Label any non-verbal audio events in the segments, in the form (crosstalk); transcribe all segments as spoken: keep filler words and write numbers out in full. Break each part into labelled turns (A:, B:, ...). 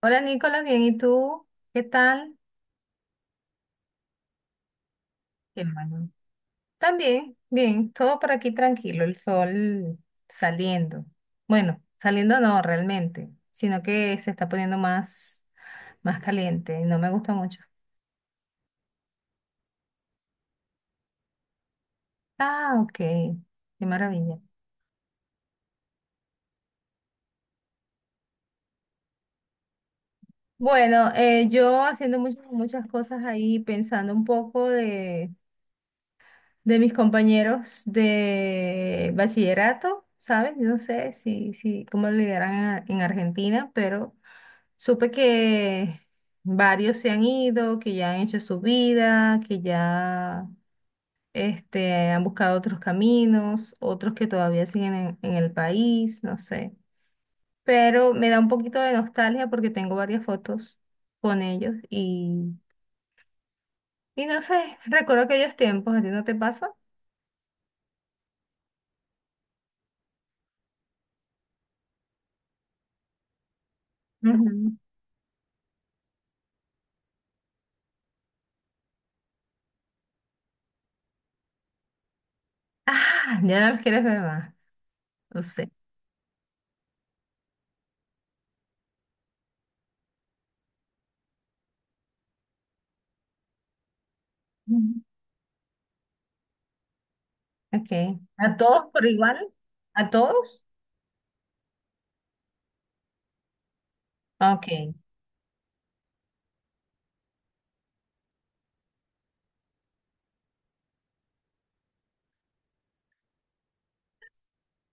A: Hola Nicolás, bien, ¿y tú? ¿Qué tal? Qué bueno. También, bien, todo por aquí tranquilo, el sol saliendo. Bueno, saliendo no realmente, sino que se está poniendo más, más caliente y no me gusta mucho. Ah, ok, qué maravilla. Bueno, eh, yo haciendo muchas, muchas cosas ahí, pensando un poco de, de mis compañeros de bachillerato, ¿sabes? Yo no sé si, si, cómo le dirán en Ar- en Argentina, pero supe que varios se han ido, que ya han hecho su vida, que ya este, han buscado otros caminos, otros que todavía siguen en, en el país, no sé. Pero me da un poquito de nostalgia porque tengo varias fotos con ellos y, y no sé, recuerdo aquellos tiempos, ¿a ti no te pasa? Ujú. Ah, ya no los quieres ver más. No sé. Ujú. Ok. ¿A todos por igual? ¿A todos? Ok.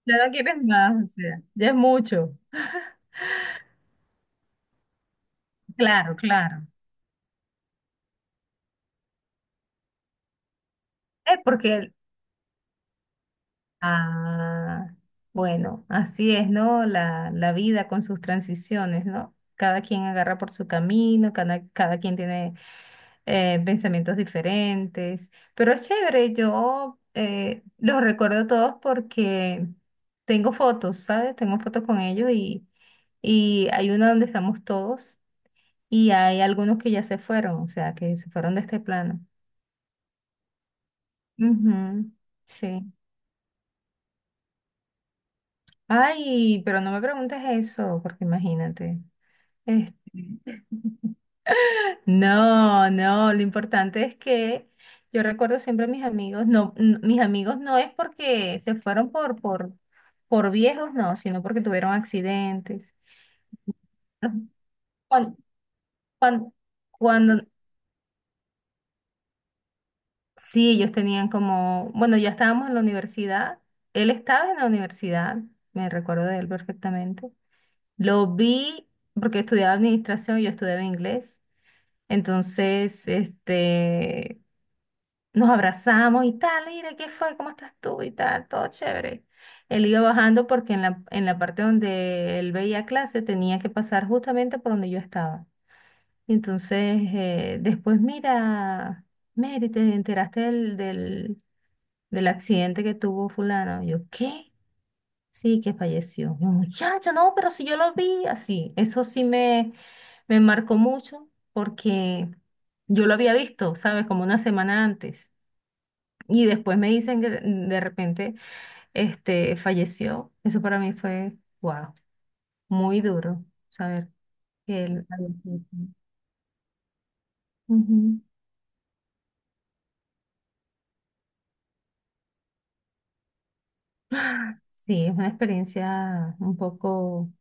A: Ya no quieres más, o sea, ya es mucho. Claro, claro. Es porque, el- ah, bueno, así es, ¿no? La, la vida con sus transiciones, ¿no? Cada quien agarra por su camino, cada, cada quien tiene eh, pensamientos diferentes, pero es chévere, yo eh, los recuerdo todos porque tengo fotos, ¿sabes? Tengo fotos con ellos y, y hay una donde estamos todos y hay algunos que ya se fueron, o sea, que se fueron de este plano. Ujú, sí. Ay, pero no me preguntes eso, porque imagínate. Este, No, no, lo importante es que yo recuerdo siempre a mis amigos, no, n- mis amigos no es porque se fueron por, por, por viejos, no, sino porque tuvieron accidentes. Cuando, cuando, cuando sí, ellos tenían como, bueno, ya estábamos en la universidad, él estaba en la universidad, me recuerdo de él perfectamente. Lo vi porque estudiaba administración, yo estudiaba inglés, entonces, este, nos abrazamos y tal, mira, ¿qué fue? ¿Cómo estás tú? Y tal, todo chévere. Él iba bajando porque en la, en la parte donde él veía clase tenía que pasar justamente por donde yo estaba. Y entonces, eh, después, mira, Mary, ¿te enteraste del, del, del accidente que tuvo fulano? Yo, ¿qué? Sí, que falleció. Yo, muchacha, no, pero si yo lo vi así. Eso sí me, me marcó mucho porque yo lo había visto, ¿sabes? Como una semana antes. Y después me dicen que de de repente este, falleció. Eso para mí fue, wow, muy duro saber que él falleció. Ujú. (gasps) Sí, es una experiencia un poco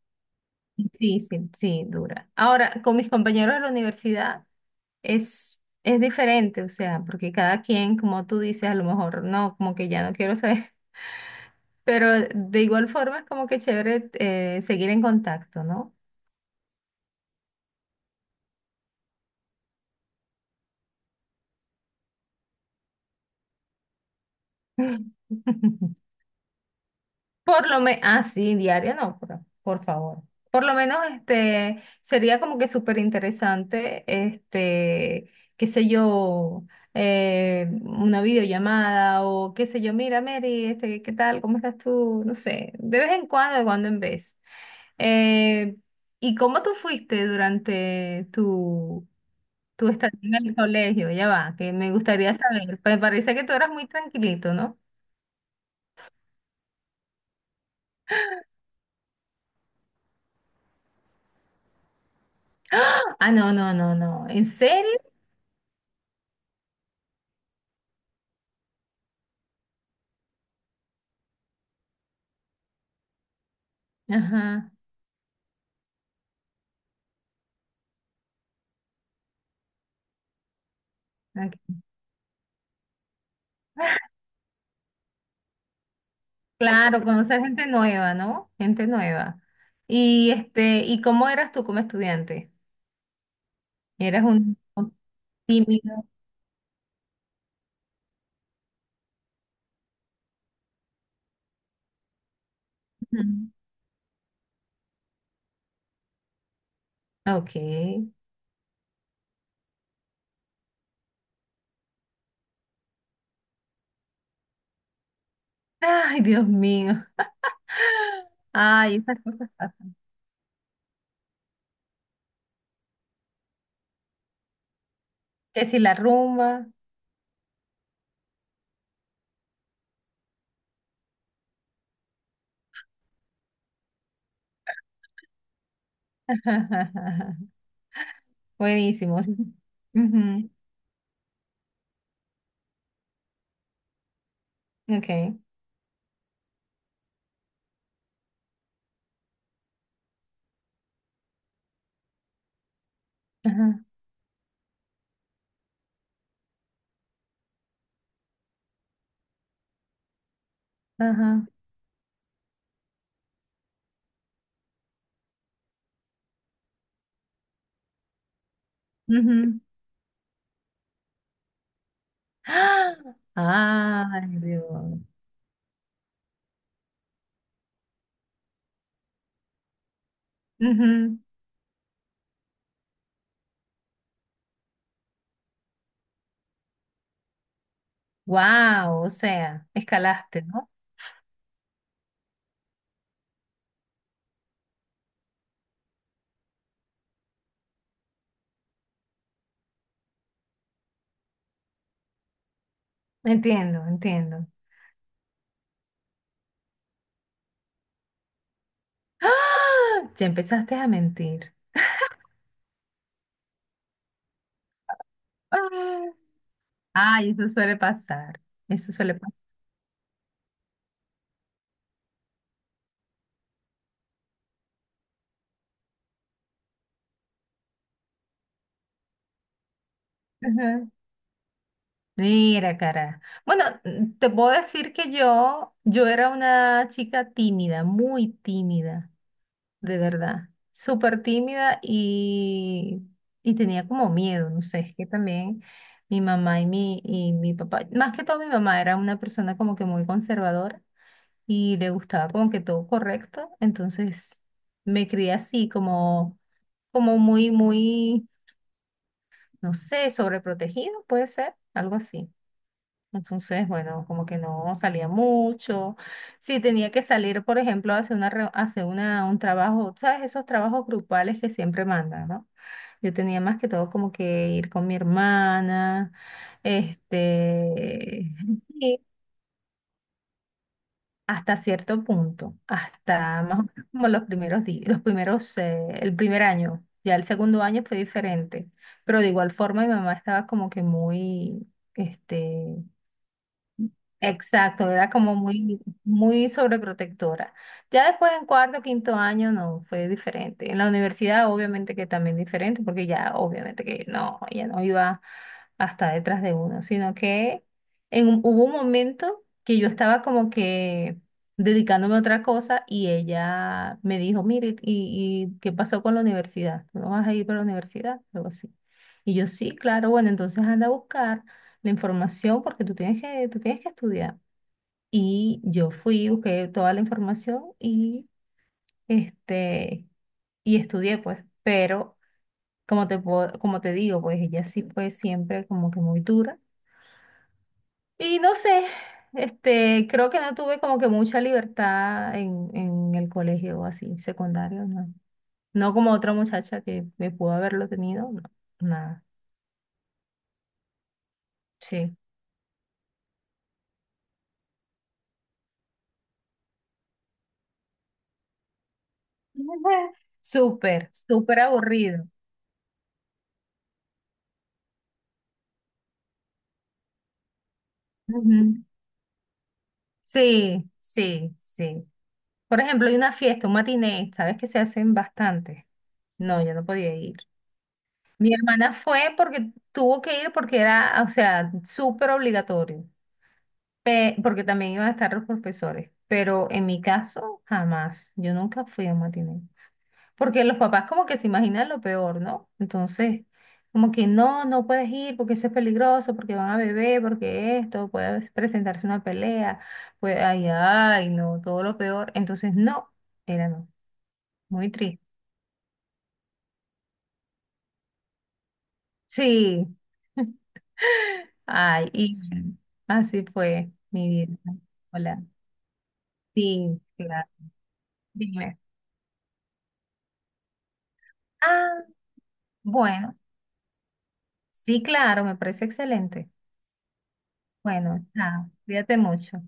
A: difícil, sí, dura. Ahora, con mis compañeros de la universidad es, es diferente, o sea, porque cada quien, como tú dices, a lo mejor no, como que ya no quiero saber, (laughs) pero de igual forma es como que chévere eh, seguir en contacto, ¿no? (laughs) Por lo menos, ah, sí, diaria no, por, por favor. Por lo menos, este, sería como que súper interesante, este, qué sé yo, eh, una videollamada o qué sé yo, mira, Mary, este, ¿qué tal? ¿Cómo estás tú? No sé, de vez en cuando, de cuando en vez. Eh, ¿Y cómo tú fuiste durante tu, tu estadía en el colegio? Ya va, que me gustaría saber. Me parece que tú eras muy tranquilito, ¿no? Ah, no, no, no, no. ¿En serio? Ajá. Ok. Claro, conocer gente nueva, ¿no? Gente nueva. Y este, ¿y cómo eras tú como estudiante? ¿Eras un, un tímido? Ujú. Ok. Ay, Dios mío. (laughs) Ay, esas cosas pasan. Que si la rumba. (laughs) Buenísimo. Sí. Ujú. Ok. Ajá. Ajá. Ujú. ¡Ah! Ay, Dios. Wow, o sea, escalaste, ¿no? Entiendo, entiendo. ¡Ah! Ya empezaste a mentir. ¡Ah! Ay, eso suele pasar. Eso suele pasar. Ajá. Mira, cara. Bueno, mm, te puedo decir que yo, yo era una chica tímida, muy tímida, de verdad. Súper tímida y, y tenía como miedo, no sé, es que también mi mamá y mi, y mi papá, más que todo mi mamá era una persona como que muy conservadora. Y le gustaba como que todo correcto, entonces me crié así como, como muy, muy, no sé, sobreprotegido, puede ser, algo así. Entonces, bueno, como que no salía mucho. Si tenía que salir, por ejemplo, hacer una, reu- hacer una, un trabajo, ¿sabes? Esos trabajos grupales que siempre mandan, ¿no? Yo tenía más que todo como que ir con mi hermana, este, (laughs) sí, hasta cierto punto, hasta más o menos como los primeros días, los primeros, eh, el primer año, ya el segundo año fue diferente, pero de igual forma mi mamá estaba como que muy. este, Exacto, era como muy, muy sobreprotectora. Ya después en cuarto, quinto año, no, fue diferente. En la universidad, obviamente que también diferente, porque ya, obviamente que no, ya no iba hasta detrás de uno, sino que en, un- hubo un momento que yo estaba como que dedicándome a otra cosa y ella me dijo, mire, ¿y, y qué pasó con la universidad? ¿Tú no vas a ir para la universidad? Algo así. Y yo, sí, claro, bueno, entonces anda a buscar la información porque tú tienes que, tú tienes que estudiar. Y yo fui, busqué toda la información y, este, y estudié, pues, pero como te, puedo- como te digo, pues ella sí fue siempre como que muy dura. Y no sé, este, creo que no tuve como que mucha libertad en, en el colegio así, secundario, no. No como otra muchacha que me pudo haberlo tenido, no, nada, sí. (laughs) Súper, súper aburrido. Ujú. Sí, sí, sí. Por ejemplo, hay una fiesta, un matiné, ¿sabes? Que se hacen bastante. No, yo no podía ir. Mi hermana fue porque tuvo que ir porque era, o sea, súper obligatorio, Pe- porque también iban a estar los profesores, pero en mi caso, jamás. Yo nunca fui a un matiné. Porque los papás como que se imaginan lo peor, ¿no? Entonces, como que no, no puedes ir porque eso es peligroso, porque van a beber, porque esto, puede presentarse una pelea, pues, ay, ay, no, todo lo peor. Entonces, no, era no, muy triste. Sí, (laughs) ay, y así fue mi vida. Hola. Sí, claro, dime. Ah, bueno, sí, claro, me parece excelente. Bueno, chao, cuídate mucho.